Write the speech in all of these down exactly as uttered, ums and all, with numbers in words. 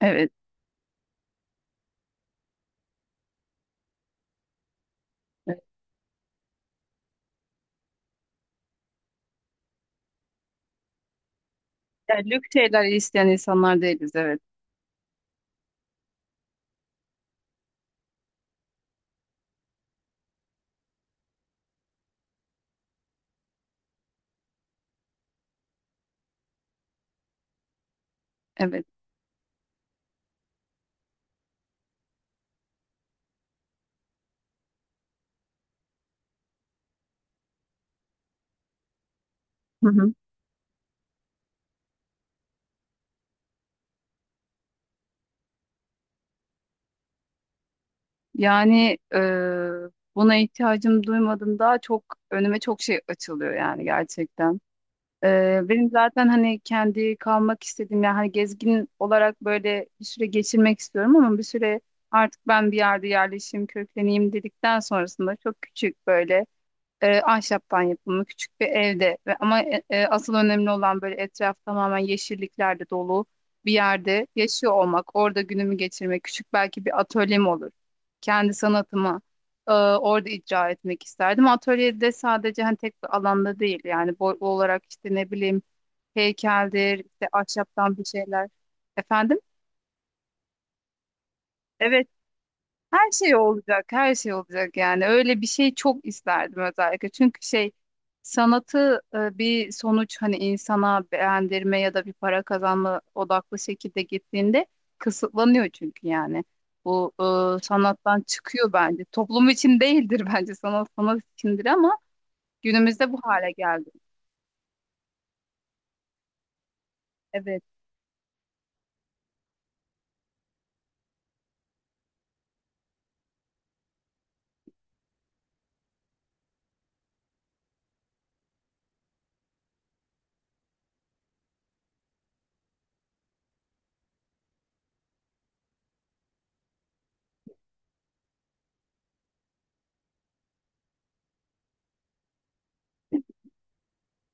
Evet. Evet. Yani lüks şeyler isteyen insanlar değiliz. Evet. Evet. Hı hı. Yani e, buna ihtiyacım duymadım daha çok önüme çok şey açılıyor yani gerçekten. E, benim zaten hani kendi kalmak istediğim yani hani gezgin olarak böyle bir süre geçirmek istiyorum ama bir süre artık ben bir yerde yerleşeyim, kökleneyim dedikten sonrasında çok küçük böyle e, ahşaptan yapımı küçük bir evde ve ama e, e, asıl önemli olan böyle etraf tamamen yeşilliklerle dolu bir yerde yaşıyor olmak, orada günümü geçirmek, küçük belki bir atölyem olur. Kendi sanatımı e, orada icra etmek isterdim. Atölyede sadece hani tek bir alanda değil yani boy olarak işte ne bileyim heykeldir, işte ahşaptan bir şeyler. Efendim? Her şey olacak, her şey olacak yani. Öyle bir şey çok isterdim özellikle. Çünkü şey sanatı e, bir sonuç hani insana beğendirme ya da bir para kazanma odaklı şekilde gittiğinde kısıtlanıyor çünkü yani. Bu e, sanattan çıkıyor bence. Toplum için değildir bence sanat sanat içindir ama günümüzde bu hale geldi. Evet.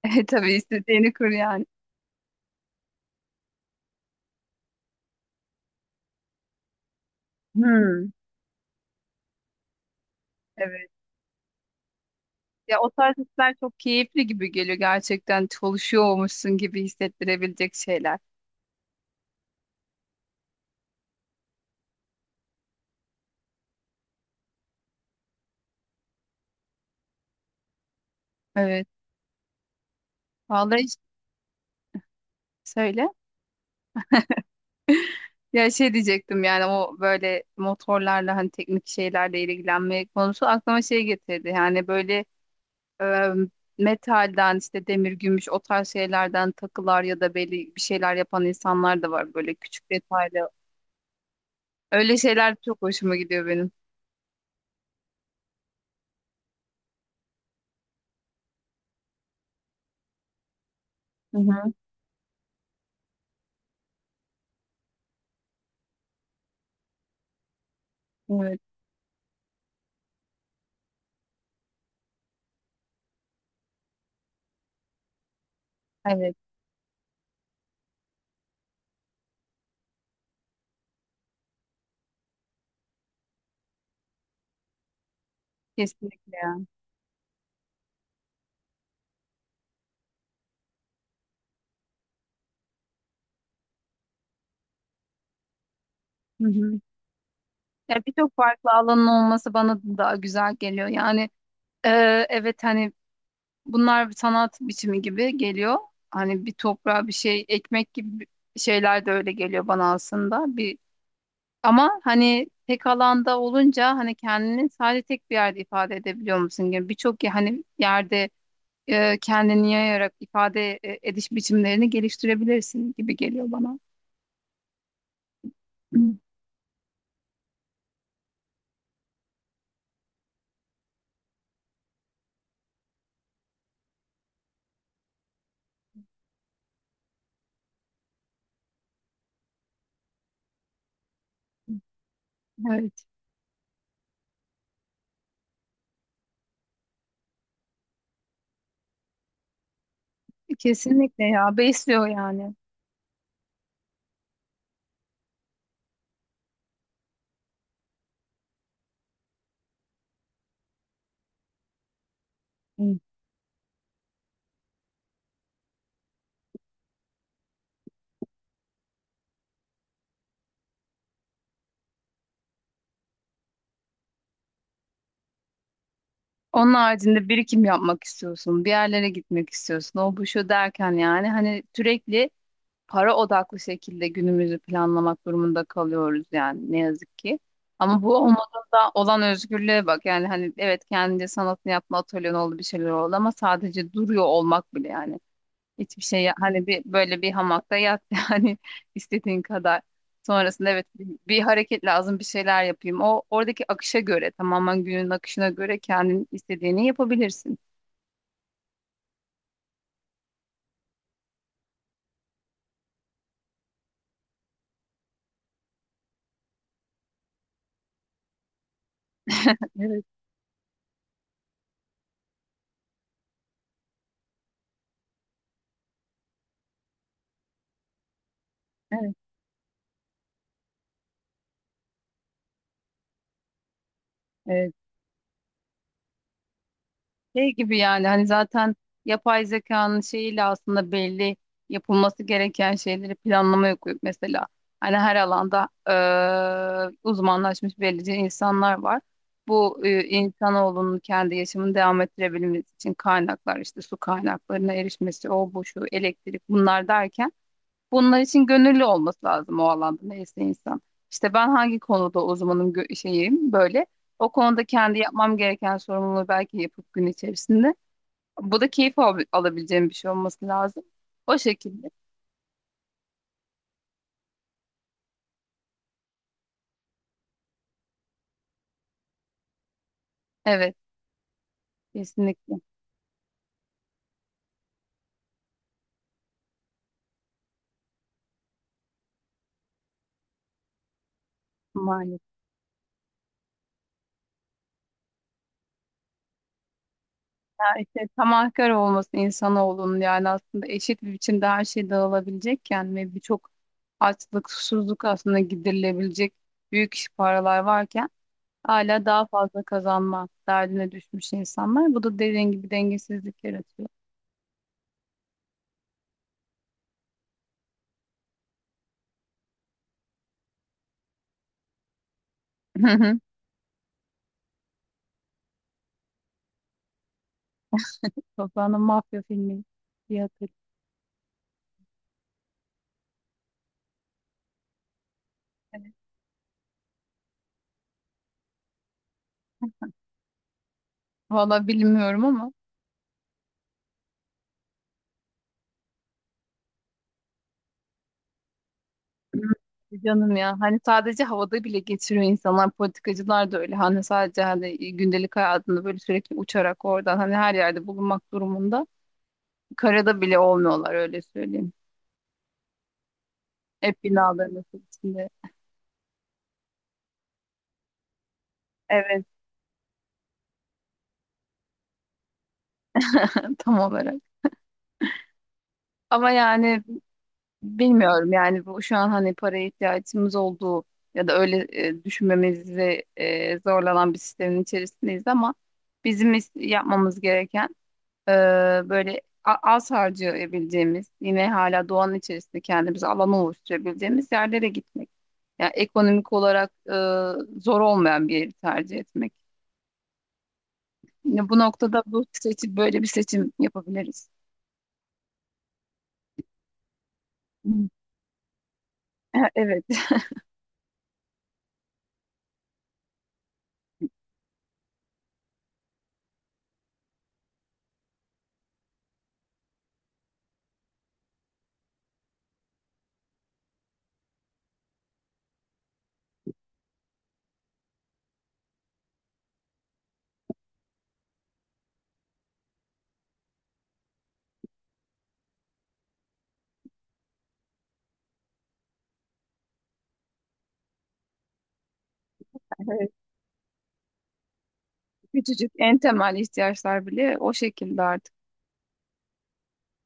E, tabii istediğini kur yani. Hmm. Evet. Ya o tarz hisler çok keyifli gibi geliyor gerçekten çalışıyormuşsun gibi hissettirebilecek şeyler. Evet. Vallahi hiç- söyle. Ya şey diyecektim yani o böyle motorlarla hani teknik şeylerle ilgilenme konusu aklıma şey getirdi. Yani böyle e, metalden işte demir, gümüş o tarz şeylerden takılar ya da belli bir şeyler yapan insanlar da var böyle küçük detaylı. Öyle şeyler çok hoşuma gidiyor benim. Hı hı. Evet. Evet. Kesinlikle ya. Hı hı. Ya birçok farklı alanın olması bana daha güzel geliyor. Yani e, evet hani bunlar bir sanat biçimi gibi geliyor. Hani bir toprağa bir şey ekmek gibi şeyler de öyle geliyor bana aslında. Bir ama hani tek alanda olunca hani kendini sadece tek bir yerde ifade edebiliyor musun gibi birçok ya- hani yerde e, kendini yayarak ifade e, ediş biçimlerini geliştirebilirsin gibi geliyor bana. Evet, kesinlikle ya besliyor yani. Onun haricinde birikim yapmak istiyorsun, bir yerlere gitmek istiyorsun. O bu şu derken yani hani sürekli para odaklı şekilde günümüzü planlamak durumunda kalıyoruz yani ne yazık ki. Ama bu olmadığında olan özgürlüğe bak. Yani hani evet kendince sanatını yapma atölyen oldu bir şeyler oldu ama sadece duruyor olmak bile yani. Hiçbir şey ya- hani bir böyle bir hamakta yat yani istediğin kadar. Sonrasında evet bir, bir hareket lazım bir şeyler yapayım. O oradaki akışa göre tamamen günün akışına göre kendin istediğini yapabilirsin. Evet, evet. Ee, şey gibi yani hani zaten yapay zekanın şeyiyle aslında belli yapılması gereken şeyleri planlamaya koyup mesela hani her alanda eee, uzmanlaşmış belirli insanlar var. Bu e, insanoğlunun kendi yaşamını devam ettirebilmesi için kaynaklar işte su kaynaklarına erişmesi, o bu şu elektrik bunlar derken bunlar için gönüllü olması lazım o alanda neyse insan. İşte ben hangi konuda uzmanım gö- şeyim böyle. O konuda kendi yapmam gereken sorumluluğu belki yapıp gün içerisinde. Bu da keyif al- alabileceğim bir şey olması lazım. O şekilde. Evet, kesinlikle. Maalesef. Ya işte tamahkar olması insanoğlunun yani aslında eşit bir biçimde her şey dağılabilecekken ve birçok açlık, susuzluk aslında giderilebilecek büyük paralar varken hala daha fazla kazanma derdine düşmüş insanlar. Bu da dediğin gibi dengesizlik yaratıyor. Toprağın mafya filmi diye hatırlıyorum. Evet. Valla bilmiyorum ama canım ya. Hani sadece havada bile geçiriyor insanlar. Politikacılar da öyle. Hani sadece hani gündelik hayatında böyle sürekli uçarak oradan hani her yerde bulunmak durumunda. Karada bile olmuyorlar öyle söyleyeyim. Hep binaların içinde. Evet tam olarak. Ama yani bilmiyorum yani bu şu an hani paraya ihtiyacımız olduğu ya da öyle e, düşünmemizi e, zorlanan bir sistemin içerisindeyiz ama bizim is- yapmamız gereken e, böyle a- az harcayabileceğimiz yine hala doğanın içerisinde kendimize alan oluşturabileceğimiz yerlere gitmek. Yani ekonomik olarak e, zor olmayan bir yeri tercih etmek. Yine bu noktada bu seçim böyle bir seçim yapabiliriz. Hı. E- Evet. Evet. Küçücük en temel ihtiyaçlar bile o şekilde artık.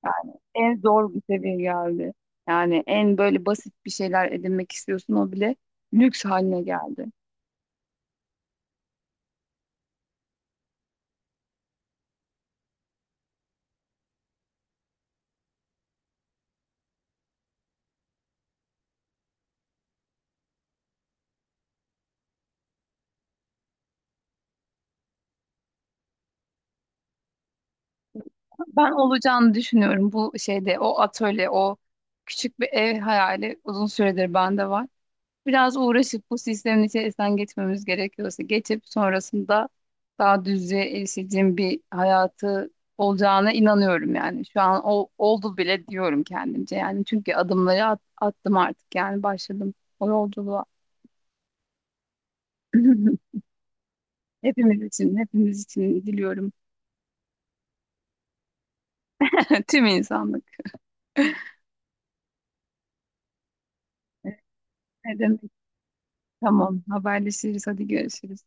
Yani en zor bir seviye geldi. Yani en böyle basit bir şeyler edinmek istiyorsun o bile lüks haline geldi. Ben olacağını düşünüyorum bu şeyde o atölye o küçük bir ev hayali uzun süredir bende var. Biraz uğraşıp bu sistemin içerisinden geçmemiz gerekiyorsa geçip sonrasında daha düzlüğe erişeceğim bir hayatı olacağına inanıyorum yani. Şu an o oldu bile diyorum kendimce yani çünkü adımları at- attım artık yani başladım o yolculuğa. Hepimiz için, hepimiz için diliyorum. Tüm insanlık. Ne demek? Tamam, haberleşiriz. Hadi görüşürüz.